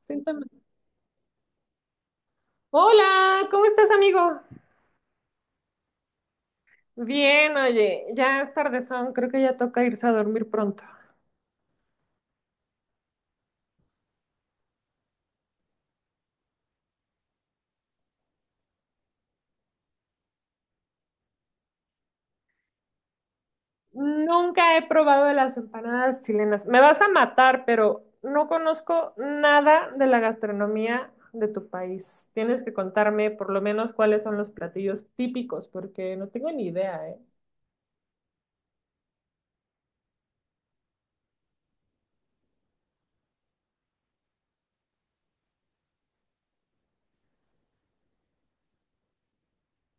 Síntoma. Hola, ¿cómo estás, amigo? Bien, oye, ya es tardezón, creo que ya toca irse a dormir pronto. Nunca he probado las empanadas chilenas. Me vas a matar, pero no conozco nada de la gastronomía de tu país. Tienes que contarme por lo menos cuáles son los platillos típicos, porque no tengo ni idea, ¿eh?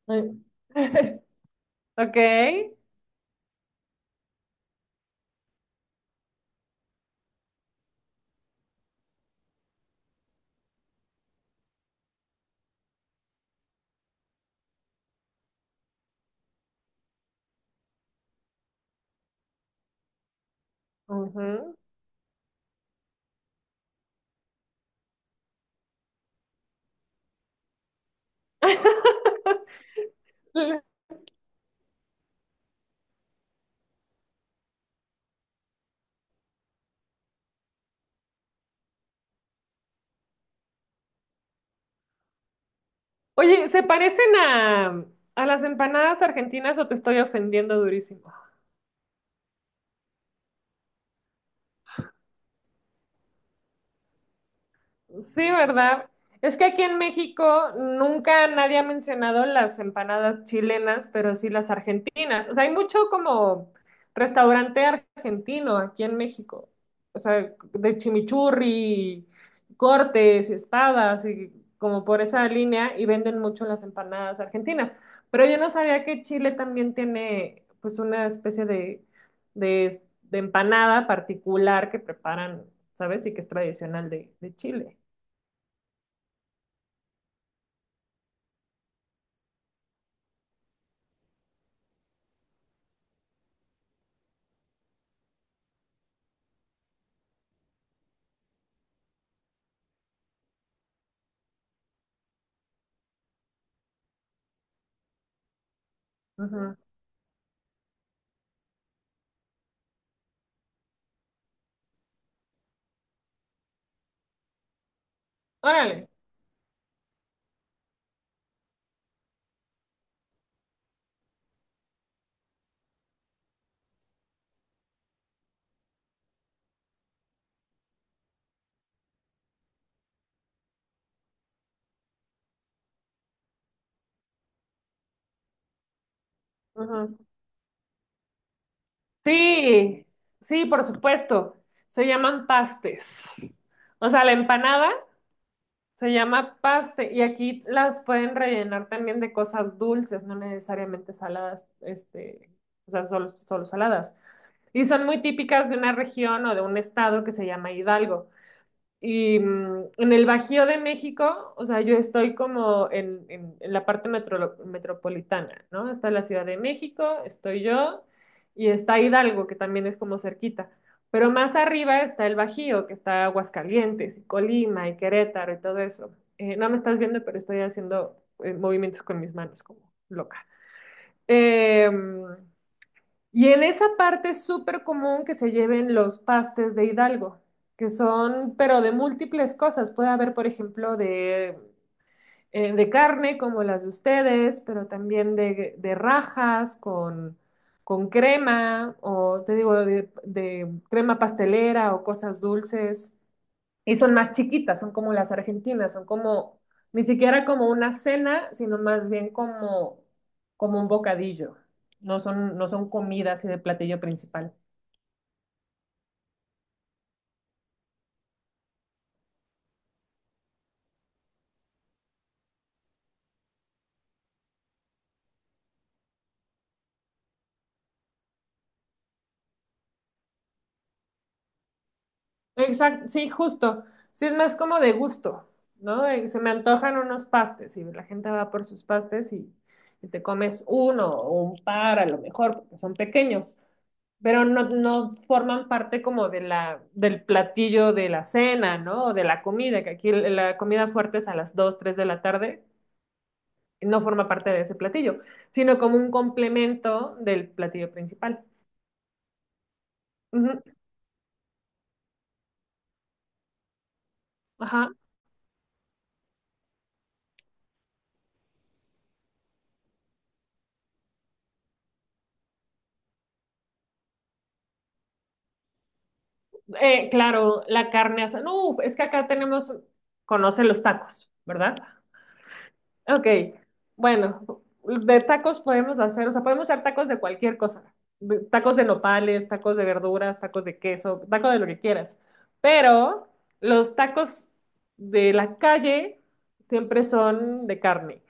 Ay. Ok. Ujú. Oye, ¿se parecen a las empanadas argentinas o te estoy ofendiendo durísimo? Sí, ¿verdad? Es que aquí en México nunca nadie ha mencionado las empanadas chilenas, pero sí las argentinas. O sea, hay mucho como restaurante argentino aquí en México. O sea, de chimichurri, cortes, espadas y como por esa línea y venden mucho las empanadas argentinas. Pero yo no sabía que Chile también tiene pues una especie de, de empanada particular que preparan, ¿sabes? Y que es tradicional de Chile. Ujú. Órale. Ujú. Sí, sí, por supuesto. Se llaman pastes. O sea, la empanada se llama paste y aquí las pueden rellenar también de cosas dulces, no necesariamente saladas, este, o sea, solo saladas. Y son muy típicas de una región o de un estado que se llama Hidalgo. Y en el Bajío de México, o sea, yo estoy como en, en la parte metropolitana, ¿no? Está la Ciudad de México, estoy yo, y está Hidalgo, que también es como cerquita. Pero más arriba está el Bajío, que está Aguascalientes, y Colima, y Querétaro, y todo eso. No me estás viendo, pero estoy haciendo movimientos con mis manos como loca. Em, y en esa parte es súper común que se lleven los pastes de Hidalgo, que son, pero de múltiples cosas. Puede haber, por ejemplo, de carne, como las de ustedes, pero también de rajas con crema, o te digo, de crema pastelera o cosas dulces. Y son más chiquitas, son como las argentinas, son como, ni siquiera como una cena, sino más bien como, como un bocadillo. No son comida así de platillo principal. Exacto, sí, justo. Sí, es más como de gusto, ¿no? Se me antojan unos pastes y la gente va por sus pastes y te comes uno o un par a lo mejor, porque son pequeños, pero no forman parte como de la, del platillo de la cena, ¿no? O de la comida, que aquí la comida fuerte es a las 2 3 de la tarde, y no forma parte de ese platillo, sino como un complemento del platillo principal. Ujú, ajá. Claro, la carne asada. No, uf, es que acá tenemos, conoce los tacos, ¿verdad? Ok, bueno, de tacos podemos hacer, o sea, podemos hacer tacos de cualquier cosa. Tacos de nopales, tacos de verduras, tacos de queso, tacos de lo que quieras. Pero los tacos de la calle siempre son de carne.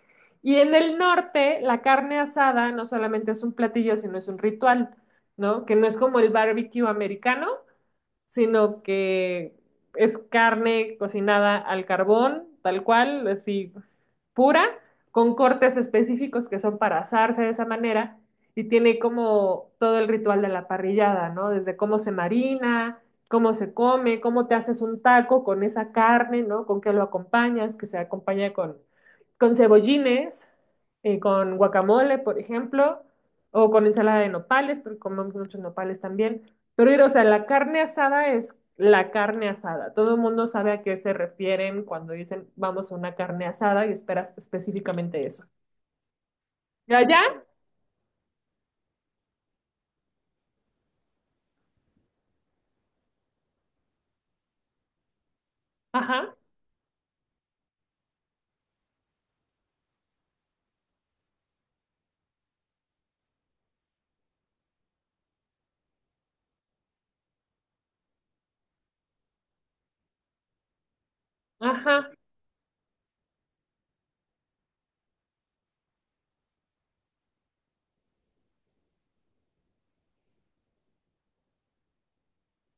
Y en el norte, la carne asada no solamente es un platillo, sino es un ritual, ¿no? Que no es como el barbecue americano, sino que es carne cocinada al carbón, tal cual, así pura, con cortes específicos que son para asarse de esa manera, y tiene como todo el ritual de la parrillada, ¿no? Desde cómo se marina, cómo se come, cómo te haces un taco con esa carne, ¿no? Con qué lo acompañas, que se acompaña con cebollines, con guacamole, por ejemplo, o con ensalada de nopales, porque comemos muchos nopales también. Pero, ir, o sea, la carne asada es la carne asada. Todo el mundo sabe a qué se refieren cuando dicen vamos a una carne asada y esperas específicamente eso. ¿Y allá? Ajá, ajá.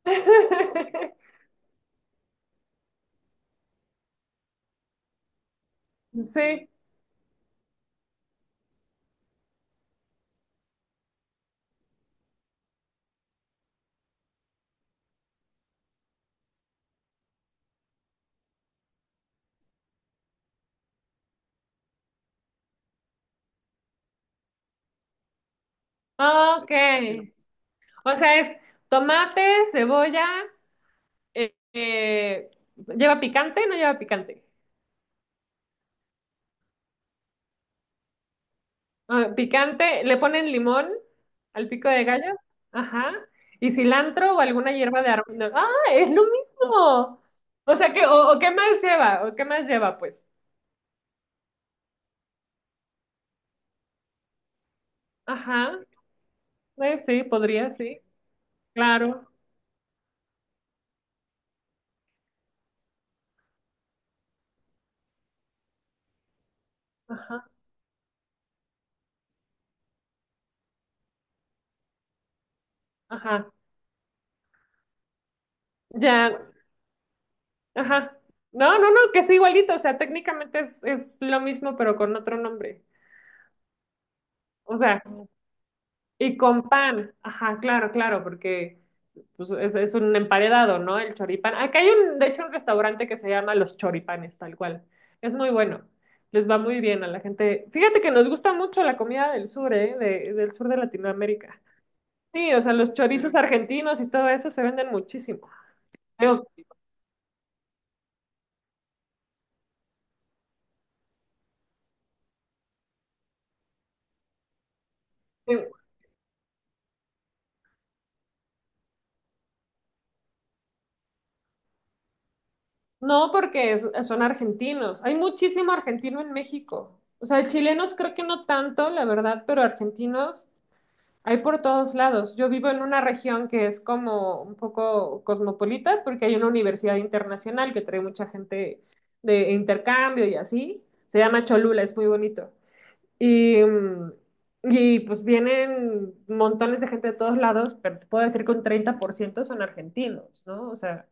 Sí, ok. O sea, es tomate, cebolla, eh, eh, ¿lleva picante? ¿No lleva picante? Ah, picante, le ponen limón al pico de gallo, ajá, y cilantro o alguna hierba de arroz, ¿no? Ah, es lo mismo. O sea que, o qué más lleva, o qué más lleva, pues. Ajá, sí, podría, sí, claro. Ajá, ajá, ya, ajá. No, no, no, que es igualito, o sea, técnicamente es lo mismo, pero con otro nombre. O sea, y con pan, ajá, claro, claro, porque pues, es un emparedado, ¿no? El choripán. Acá hay un, de hecho, un restaurante que se llama Los Choripanes, tal cual. Es muy bueno. Les va muy bien a la gente. Fíjate que nos gusta mucho la comida del sur, ¿eh? Del sur de Latinoamérica. Sí, o sea, los chorizos argentinos y todo eso se venden muchísimo. Digo, eh, no porque son argentinos. Hay muchísimo argentino en México. O sea, chilenos creo que no tanto, la verdad, pero argentinos. Hay por todos lados. Yo vivo en una región que es como un poco cosmopolita porque hay una universidad internacional que trae mucha gente de intercambio y así. Se llama Cholula, es muy bonito. Y, y pues vienen montones de gente de todos lados, pero te puedo decir que un 30% son argentinos, ¿no? O sea,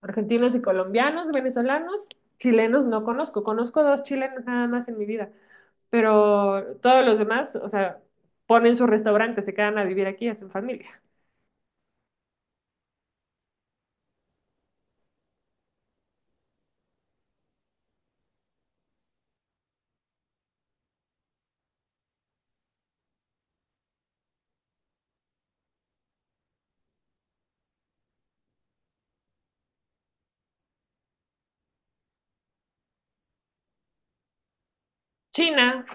argentinos y colombianos, venezolanos, chilenos no conozco. Conozco dos chilenos nada más en mi vida, pero todos los demás, o sea, ponen sus restaurantes, se quedan a vivir aquí, hacen familia. China,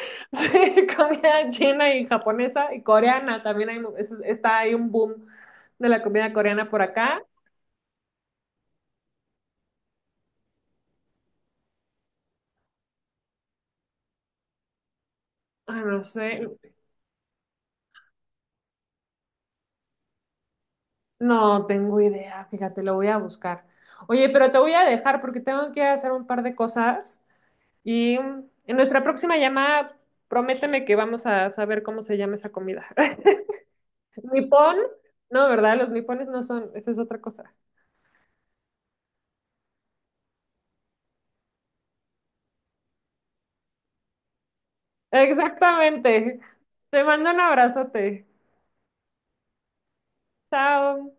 sí, comida china y japonesa y coreana, también hay, está ahí un boom de la comida coreana por acá. Ah, no sé, no tengo idea, fíjate, lo voy a buscar. Oye, pero te voy a dejar porque tengo que hacer un par de cosas y en nuestra próxima llamada, prométeme que vamos a saber cómo se llama esa comida. Nipón, no, ¿verdad? Los nipones no son, esa es otra cosa. Exactamente. Te mando un abrazote. Chao.